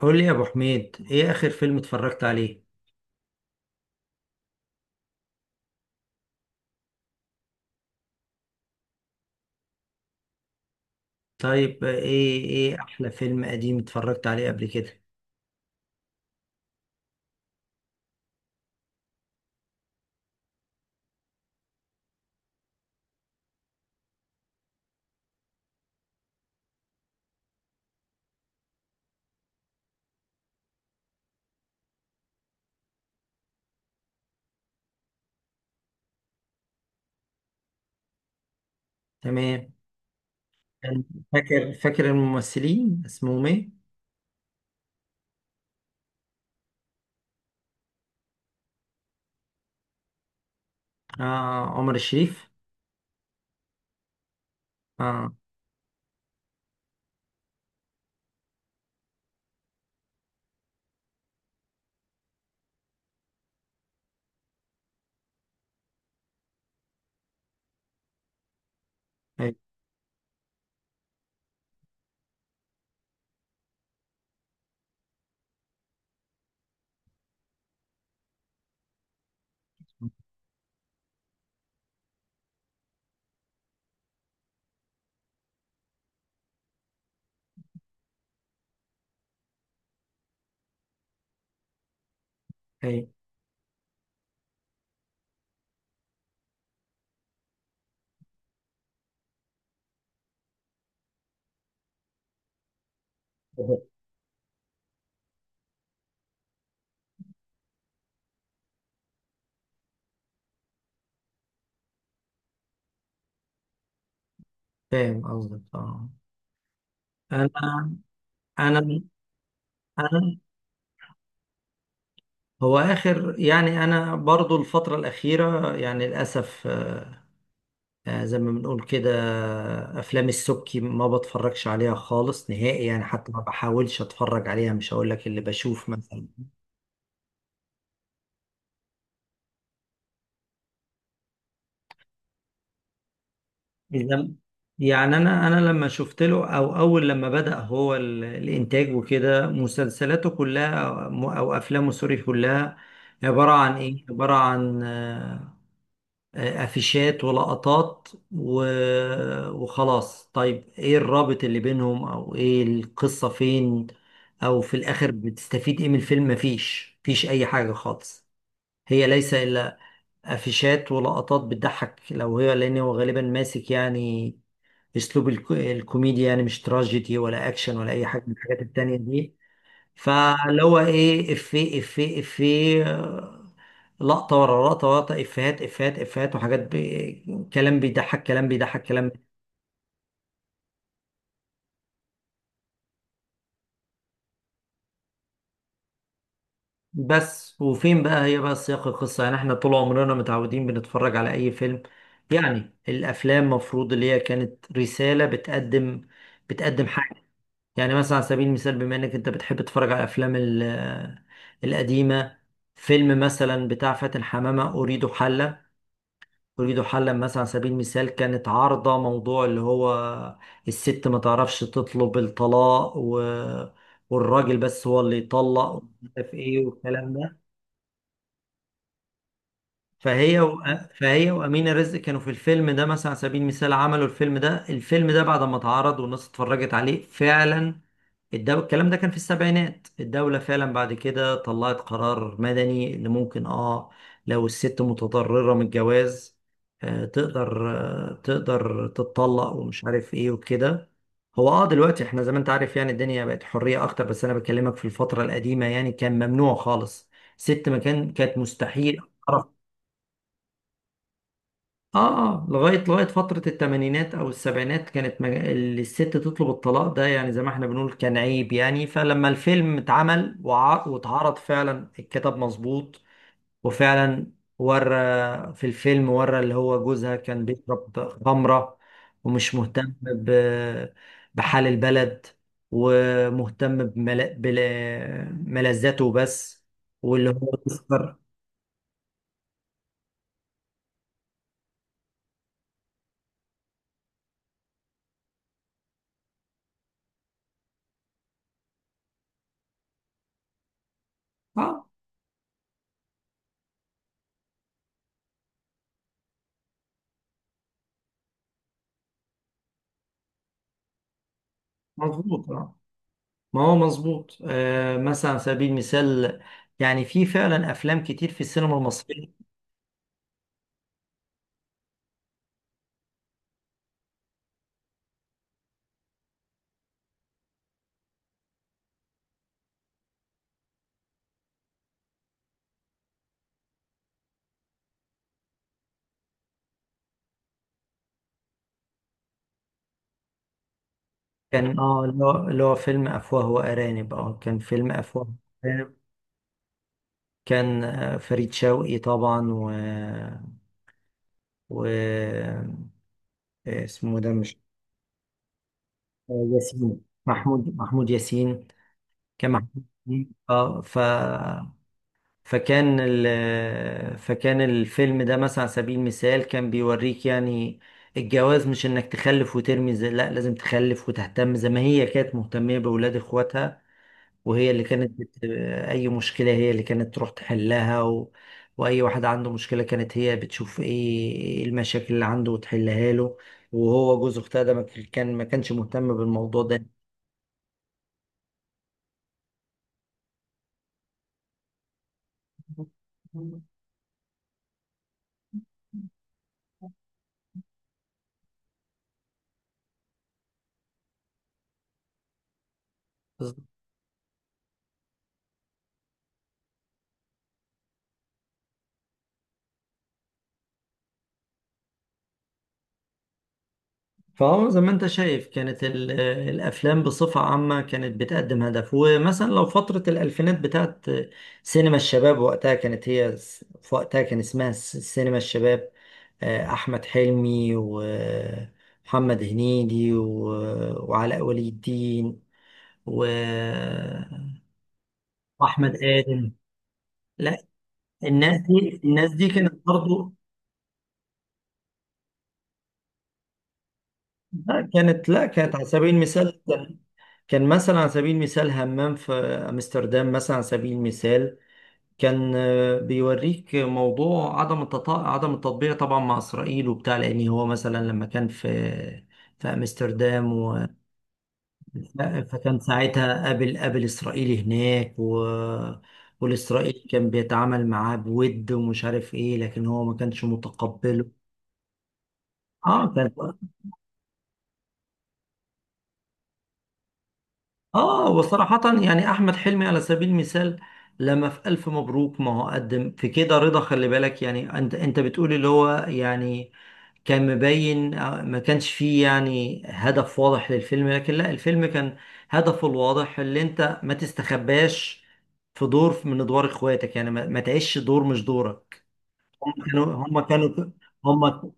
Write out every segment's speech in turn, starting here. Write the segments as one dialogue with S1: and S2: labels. S1: قول لي يا ابو حميد، ايه اخر فيلم اتفرجت عليه؟ طيب ايه احلى فيلم قديم اتفرجت عليه قبل كده؟ تمام. كان... فاكر الممثلين اسمهم ايه؟ آه، عمر الشريف. اه. اي. اي. فاهم قصدك، اه. انا انا انا هو اخر، يعني انا برضو الفترة الاخيرة يعني للاسف، زي ما بنقول كده افلام السبكي ما بتفرجش عليها خالص نهائي، يعني حتى ما بحاولش اتفرج عليها. مش هقول لك اللي بشوف مثلا... إذا- يعني انا لما شفت له، او اول لما بدأ هو الانتاج وكده، مسلسلاته كلها او افلامه سوري كلها عبارة عن ايه؟ عبارة عن افيشات ولقطات و... وخلاص. طيب ايه الرابط اللي بينهم؟ او ايه القصة؟ فين؟ او في الاخر بتستفيد ايه من الفيلم؟ مفيش اي حاجة خالص. هي ليس الا افيشات ولقطات بتضحك، لو هي، لان هو غالبا ماسك يعني اسلوب الك... الكوميديا، يعني مش تراجيدي ولا اكشن ولا اي حاجة من الحاجات التانية دي. فاللي هو ايه؟ افيه لقطة ورا لقطة ورا لقطة، إفيهات إفيهات إفيهات وحاجات بي... كلام بيضحك كلام بيضحك كلام. بس وفين بقى هي بقى سياق القصة؟ يعني إحنا طول عمرنا متعودين بنتفرج على أي فيلم، يعني الأفلام مفروض اللي هي كانت رسالة بتقدم، بتقدم حاجة. يعني مثلا على سبيل المثال، بما إنك أنت بتحب تتفرج على الأفلام القديمة، فيلم مثلا بتاع فاتن حمامة أريد حلا، اريد حلا مثلا على سبيل المثال، كانت عارضة موضوع اللي هو الست ما تعرفش تطلب الطلاق و... والراجل بس هو اللي يطلق، ومش عارف ايه والكلام ده. فهي و... فهي وأمينة رزق كانوا في الفيلم ده مثلا على سبيل المثال، عملوا الفيلم ده، الفيلم ده بعد ما اتعرض والناس اتفرجت عليه فعلا، الدو... الكلام ده كان في السبعينات، الدولة فعلا بعد كده طلعت قرار مدني اللي ممكن اه لو الست متضررة من الجواز آه تقدر، آه تقدر تتطلق ومش عارف ايه وكده. هو اه دلوقتي احنا زي ما انت عارف يعني الدنيا بقت حرية اكتر، بس انا بكلمك في الفترة القديمة يعني كان ممنوع خالص. ست ما كان كانت مستحيل. اه اه، لغايه فتره الثمانينات او السبعينات، كانت مج... الست تطلب الطلاق ده يعني زي ما احنا بنقول كان عيب. يعني فلما الفيلم اتعمل وع... واتعرض فعلا الكتاب مظبوط. وفعلا ورى، في الفيلم ورى اللي هو جوزها كان بيشرب خمره، ومش مهتم ب... بحال البلد، ومهتم بمل... بملذاته بس، واللي هو تذكر. اه مظبوط آه. ما هو مظبوط آه. مثلا على سبيل المثال يعني في فعلا افلام كتير في السينما المصريه. كان اه، اللي هو فيلم افواه وارانب. اه كان فيلم افواه وارانب. كان فريد شوقي طبعا و... و... اسمه ده مش... ياسين، محمود ياسين، كان محمود ياسين. اه ف... فكان فكان الفيلم ده مثلا على سبيل المثال كان بيوريك يعني الجواز مش انك تخلف وترمي زي، لا لازم تخلف وتهتم زي ما هي كانت مهتمة بأولاد اخواتها. وهي اللي كانت بت... اي مشكلة هي اللي كانت تروح تحلها، و... واي واحد عنده مشكلة كانت هي بتشوف ايه، إيه المشاكل اللي عنده وتحلها له. وهو جوز اختها ده ما كانش مهتم بالموضوع ده. فهو زي ما انت شايف كانت الافلام بصفه عامه كانت بتقدم هدف. ومثلا لو فتره الالفينات بتاعت سينما الشباب، وقتها كانت هي س-... في وقتها كان اسمها س- سينما الشباب، احمد حلمي ومحمد هنيدي وعلاء ولي الدين و- واحمد ادم. لا الناس دي، الناس دي كانت برضو لا كانت، لا كانت على سبيل المثال كان مثلا على سبيل المثال همام في امستردام مثلا على سبيل المثال، كان بيوريك موضوع عدم التطا... عدم التطبيع طبعا مع اسرائيل وبتاع. لان هو مثلا لما كان في في امستردام و... فكان ساعتها قابل اسرائيل هناك و... والاسرائيلي كان بيتعامل معاه بود ومش عارف ايه، لكن هو ما كانش متقبله. اه كانت. اه وصراحة يعني احمد حلمي على سبيل المثال لما في الف مبروك، ما هو قدم في كده رضا، خلي بالك. يعني انت انت بتقول اللي هو يعني كان مبين ما كانش فيه يعني هدف واضح للفيلم، لكن لا، الفيلم كان هدفه الواضح اللي انت ما تستخباش في دور من ادوار اخواتك، يعني ما، ما تعيش دور مش دورك. هم كانوا هم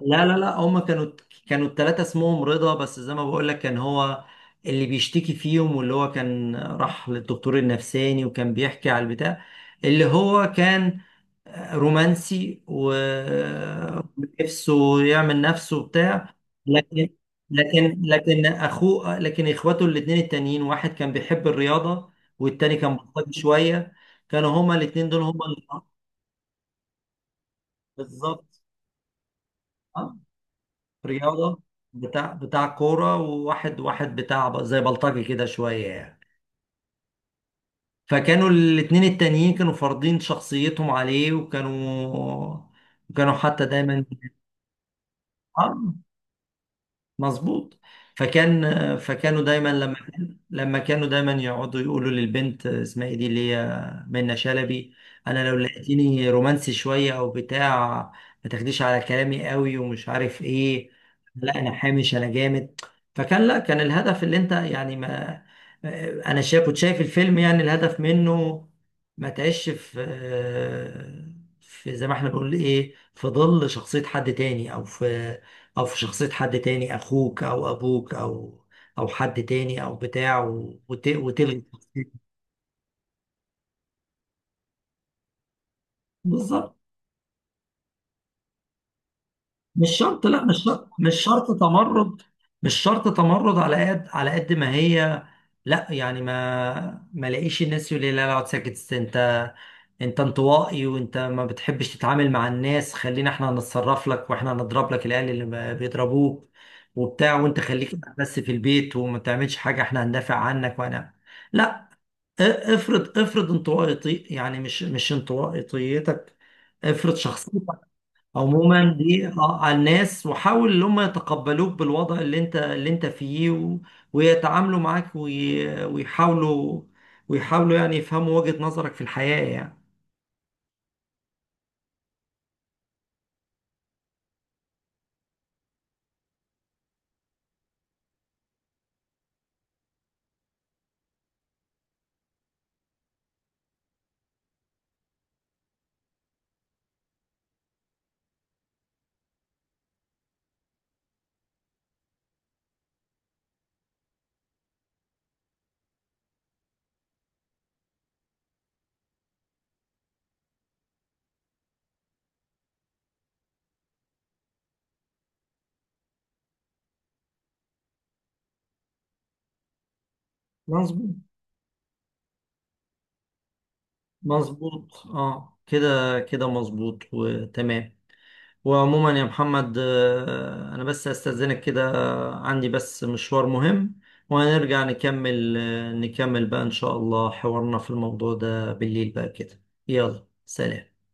S1: لا لا لا، هما كانوا، التلاتة اسمهم رضا، بس زي ما بقول لك كان هو اللي بيشتكي فيهم واللي هو كان راح للدكتور النفساني وكان بيحكي على البتاع اللي هو كان رومانسي ونفسه يعمل نفسه بتاع. لكن لكن اخوه، لكن اخواته الاتنين التانيين، واحد كان بيحب الرياضة والتاني كان بطل شوية. كانوا هما الاتنين دول هما اللي... بالظبط. رياضة. بتاع كورة، وواحد واحد بتاع زي بلطجي كده شوية يعني. فكانوا الاتنين التانيين كانوا فارضين شخصيتهم عليه، كانوا حتى دايما... مظبوط. فكان، فكانوا دايما لما كانوا دايما يقعدوا يقولوا للبنت اسمها ايه دي اللي هي منة شلبي: انا لو لقيتيني رومانسي شويه او بتاع ما تاخديش على كلامي قوي ومش عارف ايه، لا انا حامش انا جامد. فكان لا، كان الهدف اللي انت يعني ما، انا شايف كنت شايف الفيلم يعني الهدف منه ما تعيش في، في زي ما احنا بنقول ايه، في ظل شخصيه حد تاني او في او في شخصية حد تاني، اخوك او ابوك او او حد تاني او بتاع وتلغي شخصيته. بالظبط. مش شرط، لا مش شرط، مش شرط تمرد، مش شرط تمرد على قد، على قد ما هي، لا يعني ما لاقيش الناس يقول لي لا لا اقعد ساكت، انت انت انطوائي وانت ما بتحبش تتعامل مع الناس، خلينا احنا نتصرف لك واحنا نضرب لك العيال اللي ما بيضربوك وبتاع، وانت خليك بس في البيت وما تعملش حاجة، احنا هندافع عنك وانا... لا. افرض، افرض انطوائي، يعني مش انطوائيتك، افرض شخصيتك، عموما دي على الناس وحاول ان هم يتقبلوك بالوضع اللي انت اللي انت فيه و... ويتعاملوا معاك وي... ويحاولوا، ويحاولوا يعني يفهموا وجهة نظرك في الحياة يعني. مظبوط. مظبوط اه، كده كده مظبوط وتمام. وعموما يا محمد، انا بس استاذنك كده، عندي بس مشوار مهم، وهنرجع نكمل، نكمل بقى ان شاء الله حوارنا في الموضوع ده بالليل بقى كده. يلا، سلام.